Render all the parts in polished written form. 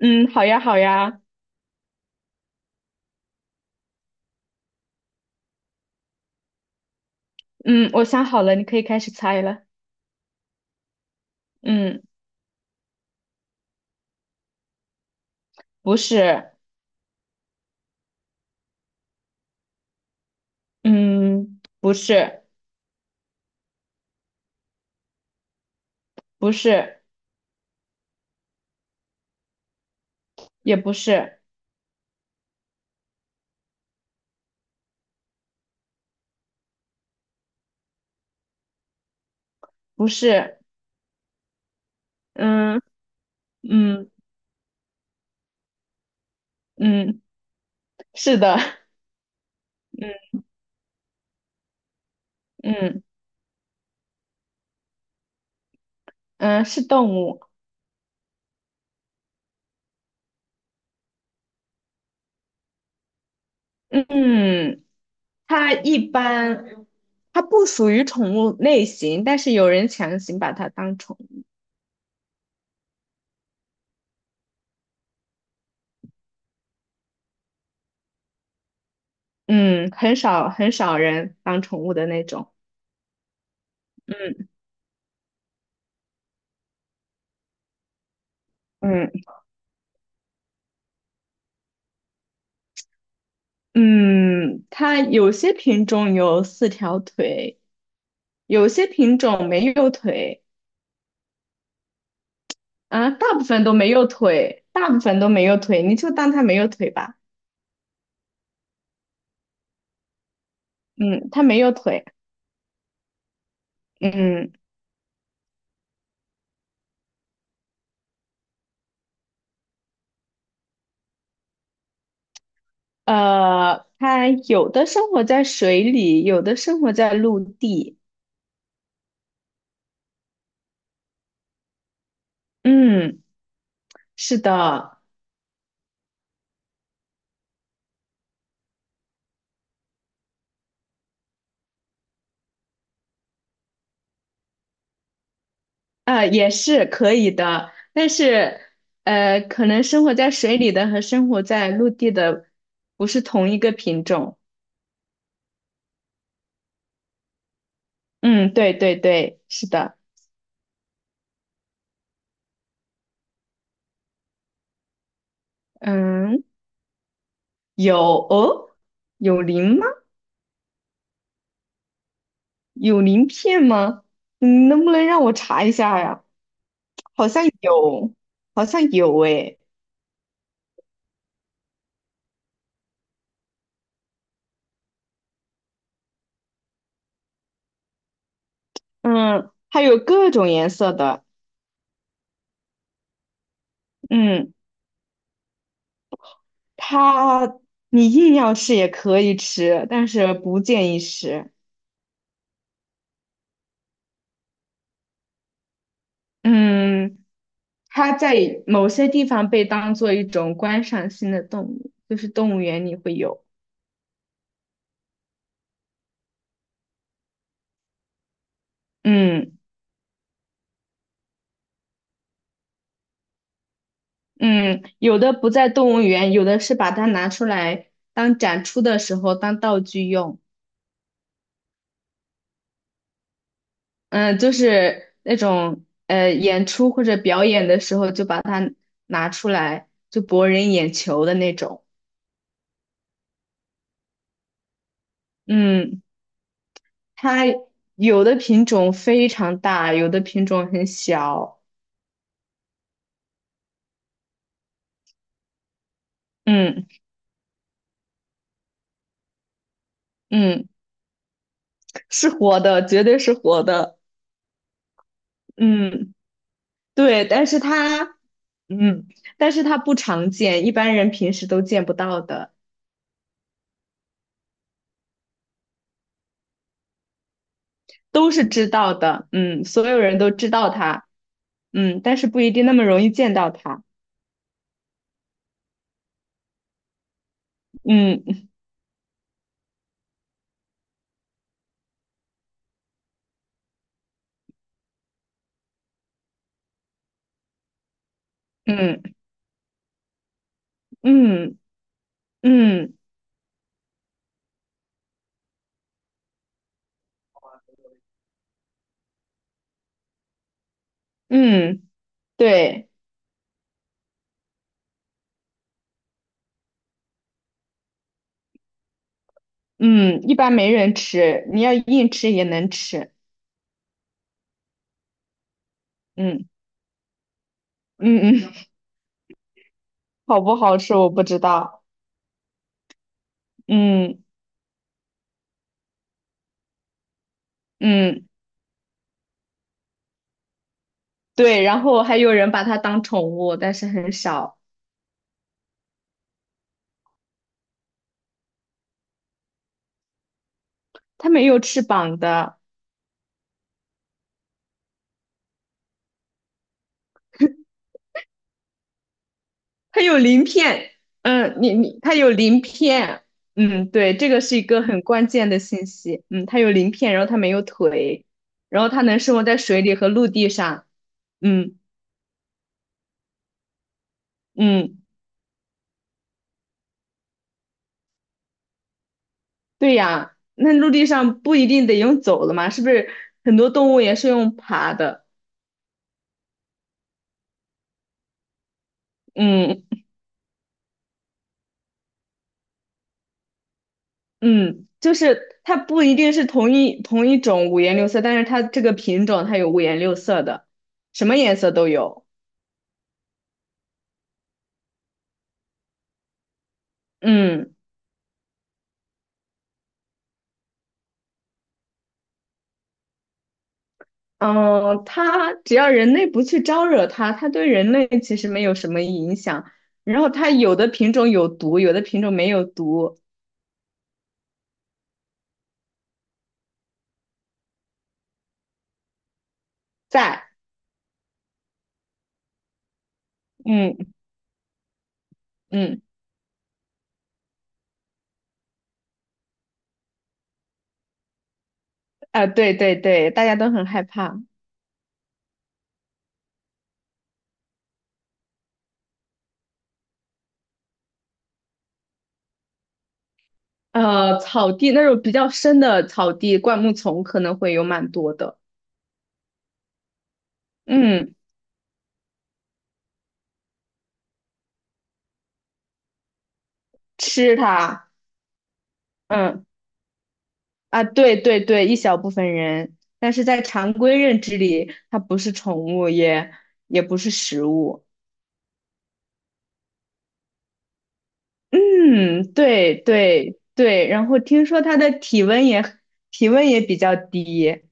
嗯，好呀，好呀，嗯，我想好了，你可以开始猜了。嗯，不是，嗯，不是，不是，也不是，不是，嗯嗯嗯，是的，嗯嗯嗯，是动物，嗯，它一般，它不属于宠物类型，但是有人强行把它当宠物，嗯，很少很少人当宠物的那种，嗯嗯。嗯，它有些品种有四条腿，有些品种没有腿，啊，大部分都没有腿，大部分都没有腿，你就当它没有腿吧。嗯，它没有腿。嗯，它有的生活在水里，有的生活在陆地。嗯，是的，啊，也是可以的，但是，可能生活在水里的和生活在陆地的不是同一个品种。嗯，对对对，是的。嗯，有哦，有鳞吗？有鳞片吗？你能不能让我查一下呀？好像有，好像有诶。嗯，还有各种颜色的。嗯，它你硬要吃也可以吃，但是不建议吃。嗯，它在某些地方被当做一种观赏性的动物，就是动物园里会有。嗯。嗯，有的不在动物园，有的是把它拿出来当展出的时候当道具用。嗯，就是那种演出或者表演的时候就把它拿出来，就博人眼球的那种。嗯，它有的品种非常大，有的品种很小。嗯嗯，是活的，绝对是活的。嗯，对，嗯，但是它不常见，一般人平时都见不到的。都是知道的，嗯，所有人都知道它，嗯，但是不一定那么容易见到它，嗯嗯嗯嗯嗯，对，嗯，一般没人吃，你要硬吃也能吃，嗯嗯嗯，好不好吃我不知道，嗯嗯，对，然后还有人把它当宠物，但是很少，它没有翅膀的。它有鳞片，嗯，它有鳞片，嗯，对，这个是一个很关键的信息，嗯，它有鳞片，然后它没有腿，然后它能生活在水里和陆地上，嗯嗯，对呀，那陆地上不一定得用走的嘛，是不是很多动物也是用爬的？嗯嗯，就是它不一定是同一种五颜六色，但是它这个品种它有五颜六色的，什么颜色都有，嗯。嗯，它只要人类不去招惹它，它对人类其实没有什么影响。然后它有的品种有毒，有的品种没有毒，在，嗯嗯，啊、对对对，大家都很害怕。那种比较深的草地，灌木丛可能会有蛮多的。嗯，吃它，嗯啊，对对对，一小部分人，但是在常规认知里，它不是宠物，也也不是食物。嗯，对对对，然后听说它的体温也比较低，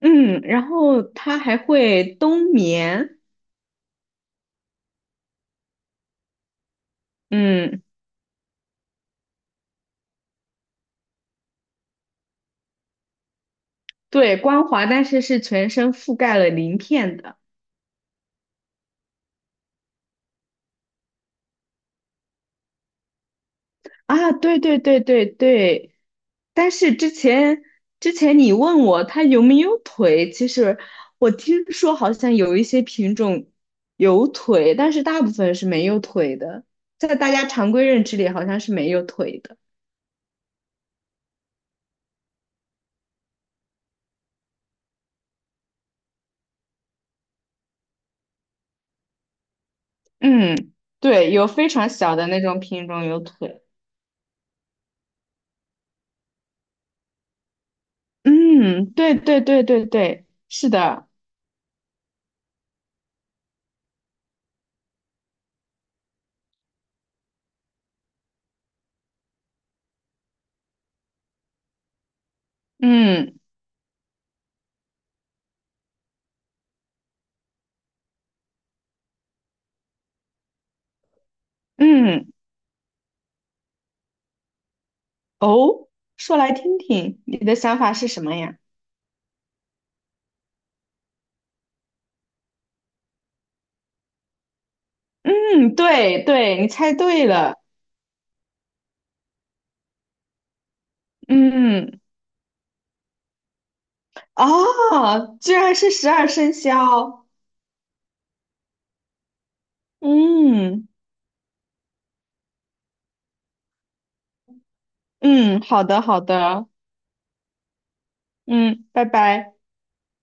嗯，然后它还会冬眠，嗯，对，光滑，但是是全身覆盖了鳞片的啊，对对对对对，但是之前你问我它有没有腿，其实我听说好像有一些品种有腿，但是大部分是没有腿的，在大家常规认知里好像是没有腿的。嗯，对，有非常小的那种品种有腿。嗯，对对对对对，是的。嗯嗯，哦，说来听听，你的想法是什么呀？嗯，对对，你猜对了。嗯，哦，居然是十二生肖。嗯嗯，好的好的，嗯，拜拜。